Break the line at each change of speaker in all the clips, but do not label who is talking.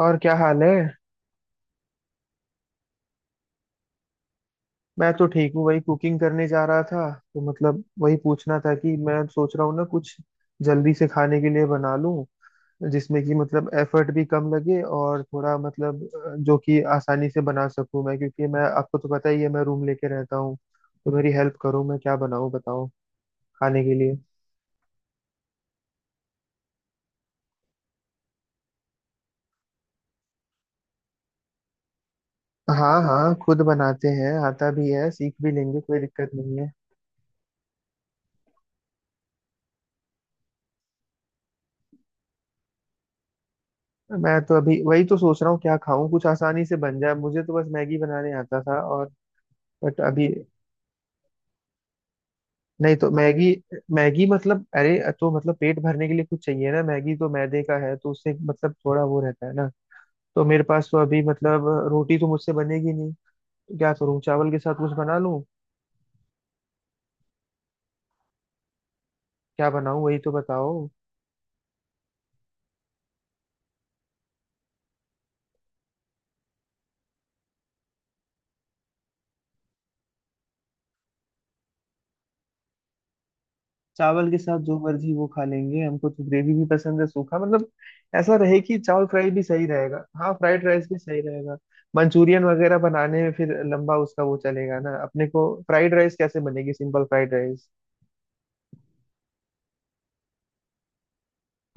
और क्या हाल है? मैं तो ठीक हूँ, वही कुकिंग करने जा रहा था। तो मतलब वही पूछना था कि मैं सोच रहा हूँ ना, कुछ जल्दी से खाने के लिए बना लूँ, जिसमें कि मतलब एफर्ट भी कम लगे और थोड़ा मतलब जो कि आसानी से बना सकूँ मैं। क्योंकि मैं, आपको तो पता ही है, मैं रूम लेके रहता हूँ। तो मेरी हेल्प करो, मैं क्या बनाऊँ बताओ, खाने के लिए। हाँ हाँ, खुद बनाते हैं, आता भी है, सीख भी लेंगे, कोई दिक्कत नहीं है। मैं तो अभी वही तो सोच रहा हूँ, क्या खाऊं, कुछ आसानी से बन जाए। मुझे तो बस मैगी बनाने आता था और, बट अभी। नहीं तो मैगी। मैगी मतलब, अरे तो मतलब पेट भरने के लिए कुछ चाहिए ना। मैगी तो मैदे का है, तो उससे मतलब थोड़ा वो रहता है ना। तो मेरे पास तो अभी, मतलब रोटी तो मुझसे बनेगी नहीं, तो क्या करूँ, चावल के साथ कुछ बना लूँ। क्या बनाऊँ वही तो बताओ। चावल के साथ जो मर्जी वो खा लेंगे, हमको तो ग्रेवी भी पसंद है, सूखा मतलब ऐसा रहे कि चावल फ्राई भी सही रहेगा। हाँ, फ्राइड राइस भी सही रहेगा। मंचूरियन वगैरह बनाने में फिर लंबा उसका वो चलेगा ना। अपने को फ्राइड राइस कैसे बनेगी, सिंपल फ्राइड राइस।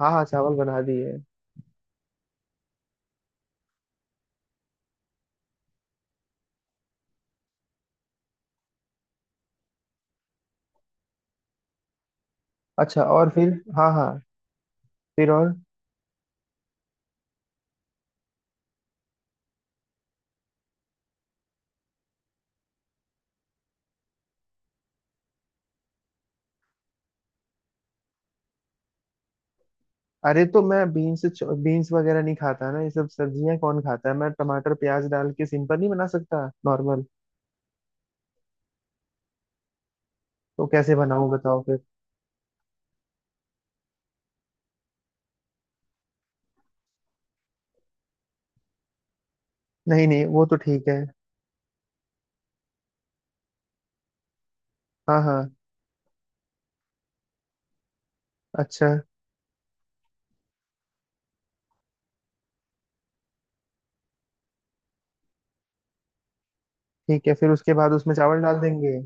हाँ हाँ, चावल बना दिए। अच्छा, और फिर? हाँ हाँ, फिर और? अरे, तो मैं बीन्स बीन्स वगैरह नहीं खाता ना। ये सब सब्जियां कौन खाता है। मैं टमाटर प्याज डाल के सिंपल नहीं बना सकता नॉर्मल? तो कैसे बनाऊं बताओ फिर। नहीं नहीं, वो तो ठीक है। हाँ हाँ। अच्छा, ठीक है, फिर उसके बाद उसमें चावल डाल देंगे।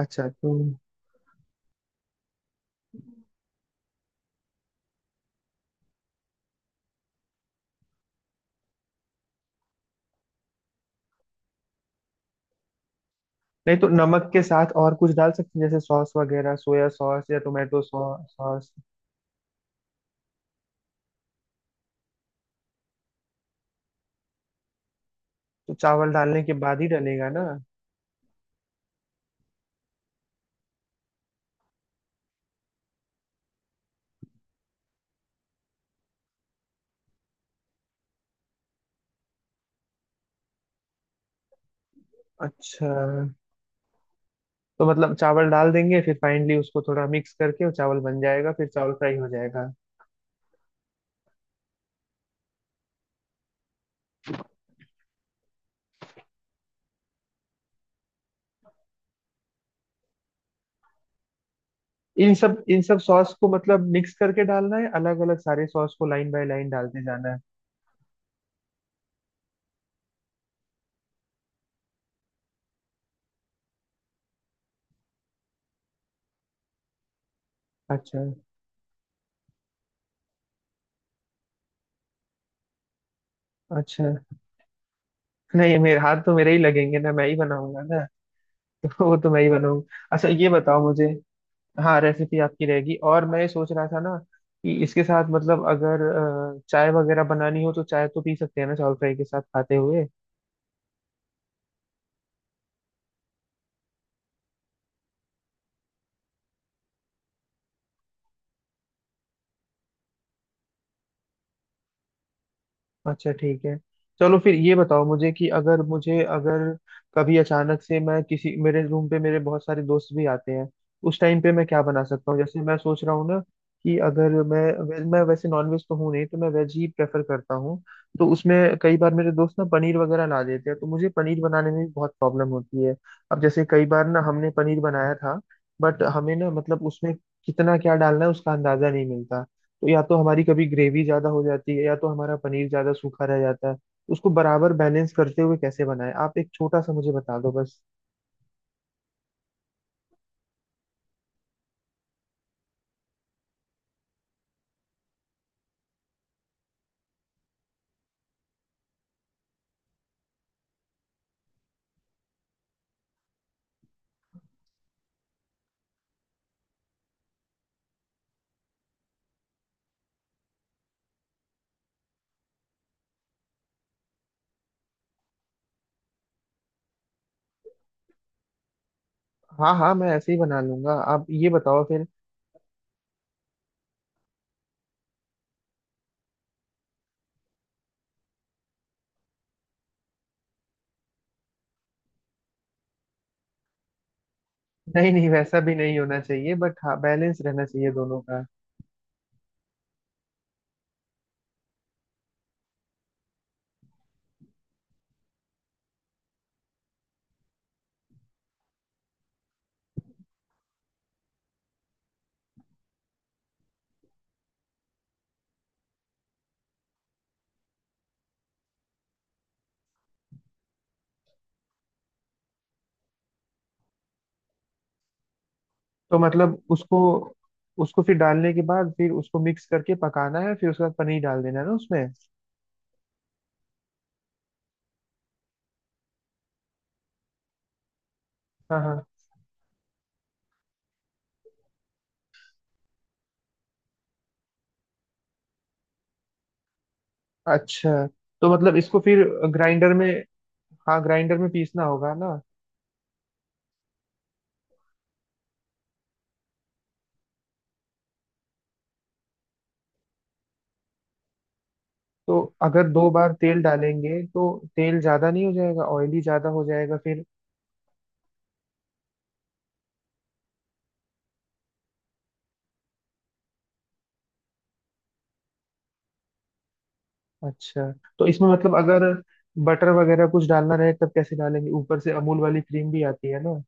अच्छा। तो नहीं तो नमक के साथ और कुछ डाल सकते हैं, जैसे सॉस वगैरह, सोया सॉस या टोमेटो सॉस? तो चावल डालने के बाद ही डलेगा ना। अच्छा, तो मतलब चावल डाल देंगे, फिर फाइनली उसको थोड़ा मिक्स करके वो चावल बन जाएगा, फिर चावल फ्राई हो जाएगा। इन सब सॉस को मतलब मिक्स करके डालना है, अलग अलग सारे सॉस को लाइन बाय लाइन डालते जाना है? अच्छा। अच्छा, नहीं मेरे हाथ तो मेरे ही लगेंगे ना, मैं ही बनाऊंगा ना। तो वो तो मैं ही बनाऊंगा। अच्छा ये बताओ मुझे, हाँ रेसिपी आपकी रहेगी, और मैं सोच रहा था ना कि इसके साथ मतलब अगर चाय वगैरह बनानी हो, तो चाय तो पी सकते हैं ना चावल फ्राई के साथ खाते हुए? अच्छा, ठीक है। चलो फिर ये बताओ मुझे कि अगर मुझे, अगर कभी अचानक से, मैं किसी, मेरे रूम पे मेरे बहुत सारे दोस्त भी आते हैं, उस टाइम पे मैं क्या बना सकता हूँ? जैसे मैं सोच रहा हूँ ना कि अगर मैं वैसे नॉनवेज तो हूँ नहीं, तो मैं वेज ही प्रेफर करता हूँ। तो उसमें कई बार मेरे दोस्त ना पनीर वगैरह ला देते हैं, तो मुझे पनीर बनाने में भी बहुत प्रॉब्लम होती है। अब जैसे कई बार ना हमने पनीर बनाया था, बट हमें ना, मतलब उसमें कितना क्या डालना है उसका अंदाजा नहीं मिलता। तो या तो हमारी कभी ग्रेवी ज्यादा हो जाती है, या तो हमारा पनीर ज्यादा सूखा रह जाता है। उसको बराबर बैलेंस करते हुए कैसे बनाएं आप, एक छोटा सा मुझे बता दो बस। हाँ हाँ, मैं ऐसे ही बना लूंगा, आप ये बताओ फिर। नहीं नहीं, वैसा भी नहीं होना चाहिए, बट हाँ, बैलेंस रहना चाहिए दोनों का। तो मतलब उसको उसको फिर डालने के बाद, फिर उसको मिक्स करके पकाना है, फिर उसके बाद पनीर डाल देना है ना उसमें? हाँ हाँ, अच्छा, तो मतलब इसको फिर ग्राइंडर में, हाँ, ग्राइंडर में पीसना होगा ना? तो अगर दो बार तेल डालेंगे तो तेल ज्यादा नहीं हो जाएगा, ऑयली ज्यादा हो जाएगा फिर? अच्छा। तो इसमें मतलब अगर बटर वगैरह कुछ डालना रहे तब कैसे डालेंगे? ऊपर से अमूल वाली क्रीम भी आती है ना।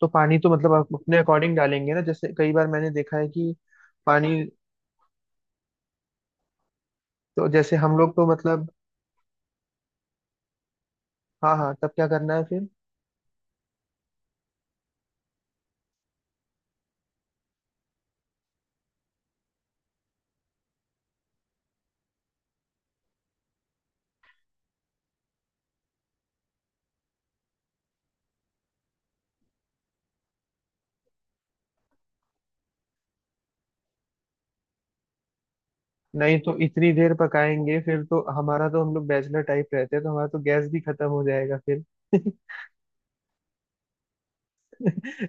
तो पानी तो मतलब आप अपने अकॉर्डिंग डालेंगे ना, जैसे कई बार मैंने देखा है कि पानी, तो जैसे हम लोग तो मतलब, हाँ हाँ, तब क्या करना है फिर? नहीं तो इतनी देर पकाएंगे फिर तो हमारा, तो हम लोग बैचलर टाइप रहते हैं, तो हमारा तो गैस भी खत्म हो जाएगा फिर।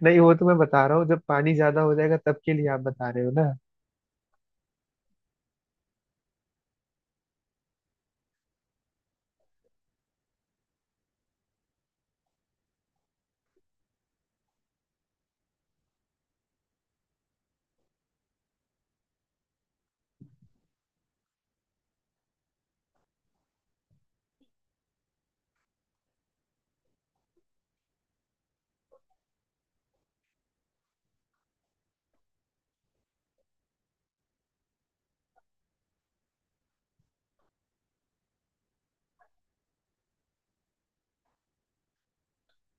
नहीं, वो तो मैं बता रहा हूँ, जब पानी ज्यादा हो जाएगा तब के लिए आप बता रहे हो ना।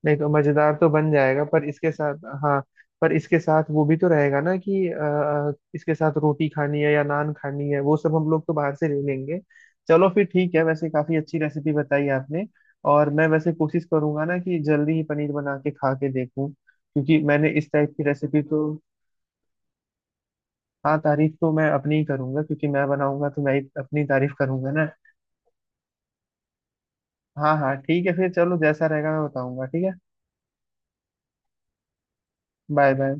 नहीं तो मजेदार तो बन जाएगा, पर इसके साथ, हाँ, पर इसके साथ वो भी तो रहेगा ना कि इसके साथ रोटी खानी है या नान खानी है, वो सब हम लोग तो बाहर से ले लेंगे। चलो फिर ठीक है, वैसे काफी अच्छी रेसिपी बताई आपने। और मैं वैसे कोशिश करूंगा ना कि जल्दी ही पनीर बना के खा के देखूं, क्योंकि मैंने इस टाइप की रेसिपी तो, हाँ तारीफ तो मैं अपनी ही करूंगा, क्योंकि मैं बनाऊंगा तो मैं ही अपनी तारीफ करूंगा। हाँ हाँ, ठीक है फिर, चलो जैसा रहेगा मैं बताऊंगा, ठीक है। Bye bye.